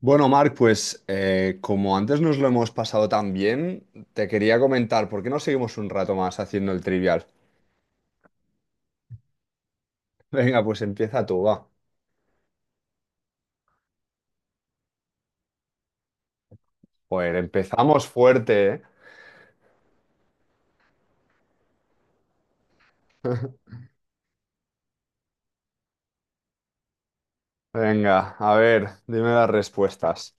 Bueno, Marc, pues como antes nos lo hemos pasado tan bien, te quería comentar, ¿por qué no seguimos un rato más haciendo el trivial? Venga, pues empieza tú, va. Joder, empezamos fuerte, ¿eh? Venga, a ver, dime las respuestas.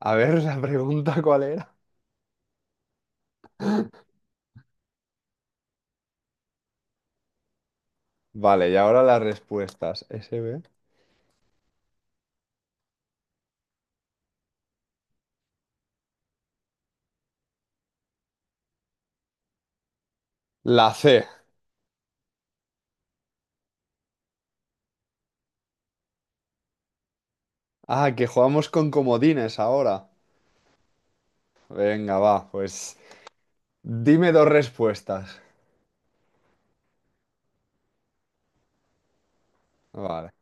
A ver, la pregunta, ¿cuál era? Vale, y ahora las respuestas. SB. La C. Ah, que jugamos con comodines ahora. Venga, va, pues dime dos respuestas. Vale.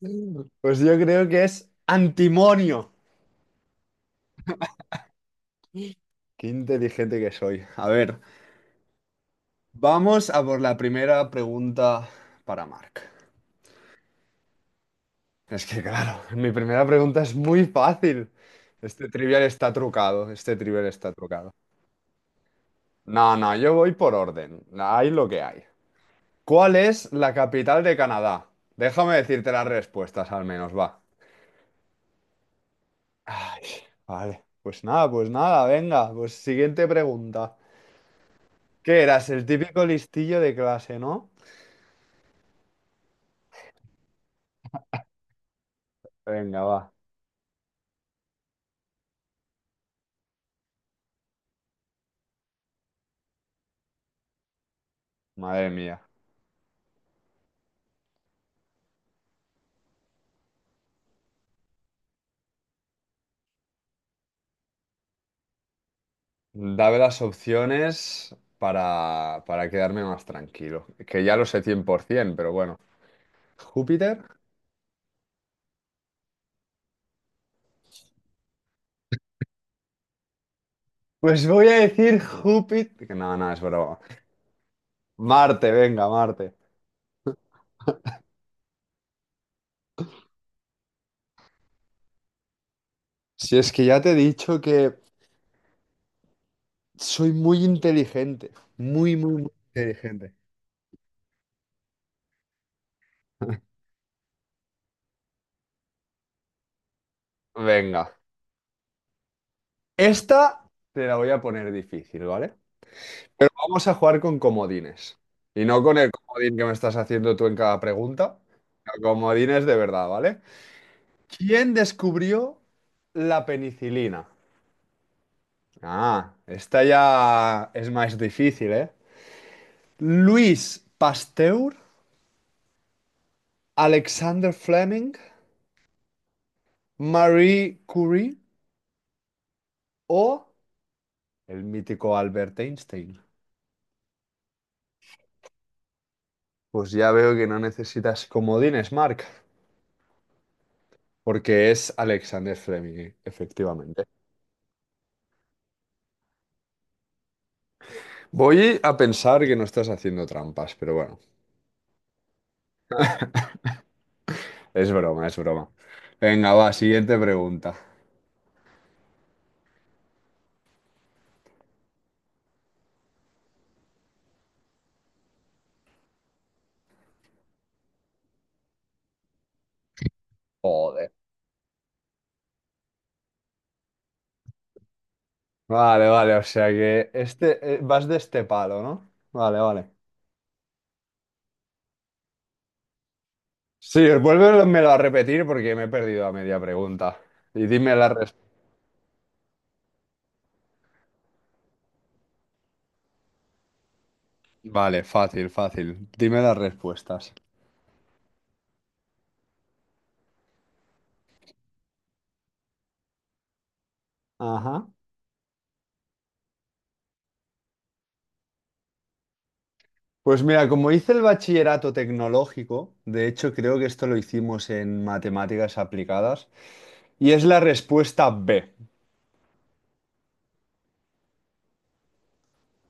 Pues yo creo que es antimonio. Qué inteligente que soy. A ver, vamos a por la primera pregunta para Mark. Es que claro, mi primera pregunta es muy fácil. Este trivial está trucado, este trivial está trucado. No, no, yo voy por orden. Hay lo que hay. ¿Cuál es la capital de Canadá? Déjame decirte las respuestas al menos, va. Ay, vale, pues nada, venga, pues siguiente pregunta. ¿Qué eras? El típico listillo de clase, ¿no? Venga, va. Madre mía. Dame las opciones para quedarme más tranquilo. Que ya lo sé 100%, pero bueno. ¿Júpiter? Pues voy a decir Júpiter. Que no, no, es broma. Marte, venga, Marte. Si es que ya te he dicho que soy muy inteligente. Muy, muy, muy inteligente. Venga. Esta te la voy a poner difícil, ¿vale? Pero vamos a jugar con comodines. Y no con el comodín que me estás haciendo tú en cada pregunta. Sino comodines de verdad, ¿vale? ¿Quién descubrió la penicilina? Ah, esta ya es más difícil, ¿eh? Luis Pasteur, Alexander Fleming, Marie Curie o el mítico Albert Einstein. Pues ya veo que no necesitas comodines, Mark, porque es Alexander Fleming, efectivamente. Voy a pensar que no estás haciendo trampas, pero bueno, es broma, es broma. Venga, va, siguiente pregunta. Joder. Vale, vale, o sea que este, vas de este palo, ¿no? Vale, vale. Sí, vuélvemelo a repetir porque me he perdido a media pregunta. Y dime las respuestas. Vale, fácil, fácil. Dime las respuestas. Ajá. Pues mira, como hice el bachillerato tecnológico, de hecho creo que esto lo hicimos en matemáticas aplicadas, y es la respuesta B.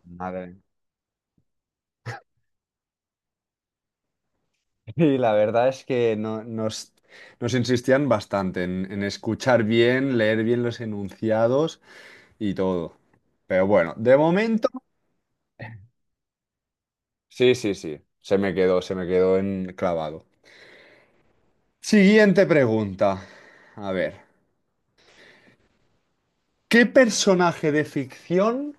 Madre. Y la verdad es que nos insistían bastante en escuchar bien, leer bien los enunciados y todo. Pero bueno, de momento, sí, sí, sí. Se me quedó en... clavado. Siguiente pregunta. A ver, ¿qué personaje de ficción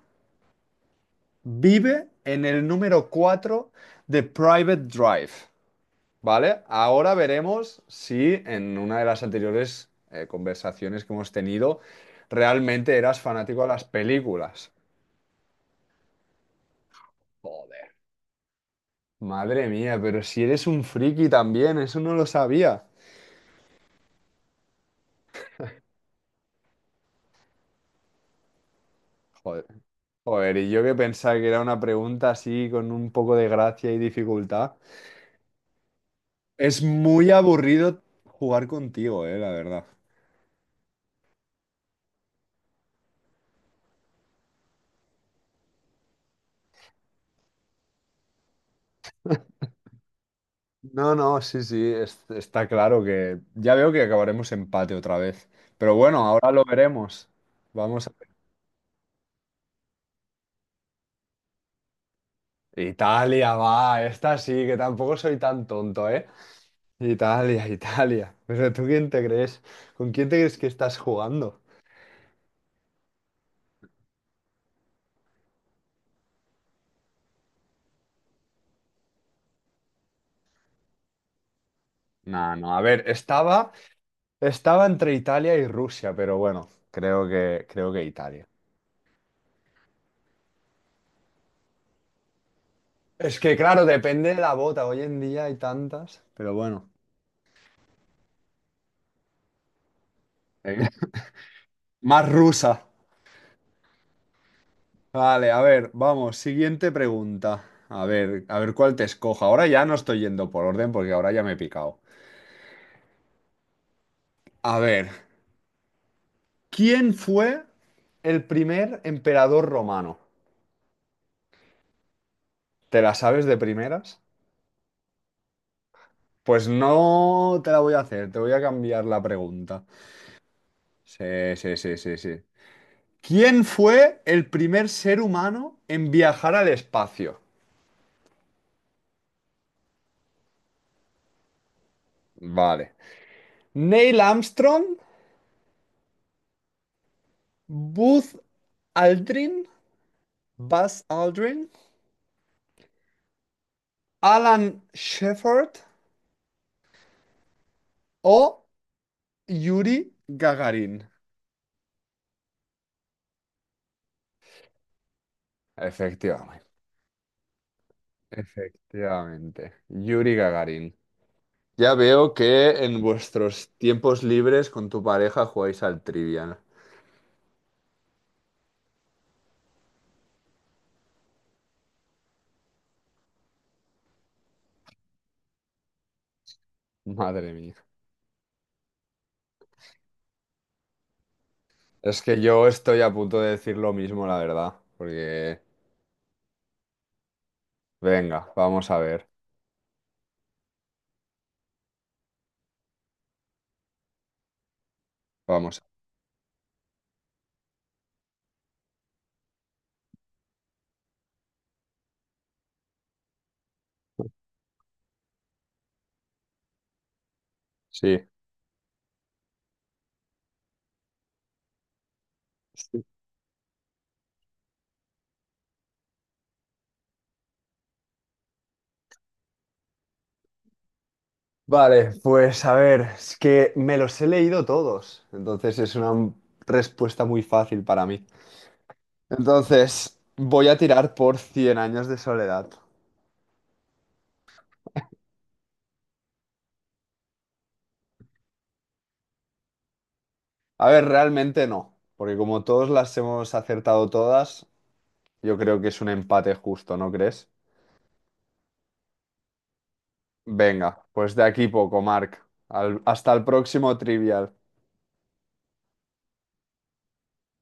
vive en el número 4 de Private Drive? ¿Vale? Ahora veremos si en una de las anteriores conversaciones que hemos tenido realmente eras fanático de las películas. Joder. Madre mía, pero si eres un friki también, eso no lo sabía. Joder. Joder, y yo que pensaba que era una pregunta así con un poco de gracia y dificultad. Es muy aburrido jugar contigo, la verdad. No, no, sí, sí, está claro que ya veo que acabaremos empate otra vez. Pero bueno, ahora lo veremos. Vamos a ver. Italia, va, esta sí, que tampoco soy tan tonto, ¿eh? Italia, Italia. Pero ¿tú quién te crees? ¿Con quién te crees que estás jugando? No, no, a ver, estaba estaba entre Italia y Rusia, pero bueno, creo que Italia. Es que claro, depende de la bota. Hoy en día hay tantas, pero bueno. Eh, más rusa. Vale, a ver, vamos, siguiente pregunta. A ver cuál te escojo. Ahora ya no estoy yendo por orden porque ahora ya me he picado. A ver, ¿quién fue el primer emperador romano? ¿Te la sabes de primeras? Pues no te la voy a hacer, te voy a cambiar la pregunta. Sí, sí, sí, sí, sí. ¿Quién fue el primer ser humano en viajar al espacio? Vale. Neil Armstrong, Buzz Aldrin, Buzz Aldrin, Alan Shepard o Yuri Gagarin. Efectivamente, efectivamente. Yuri Gagarin. Ya veo que en vuestros tiempos libres con tu pareja jugáis al Trivial. Madre mía. Es que yo estoy a punto de decir lo mismo, la verdad, porque venga, vamos a ver. Vamos. Sí. Sí. Vale, pues a ver, es que me los he leído todos, entonces es una respuesta muy fácil para mí. Entonces, voy a tirar por Cien años de soledad. A ver, realmente no, porque como todos las hemos acertado todas, yo creo que es un empate justo, ¿no crees? Venga, pues de aquí poco, Marc. Hasta el próximo trivial.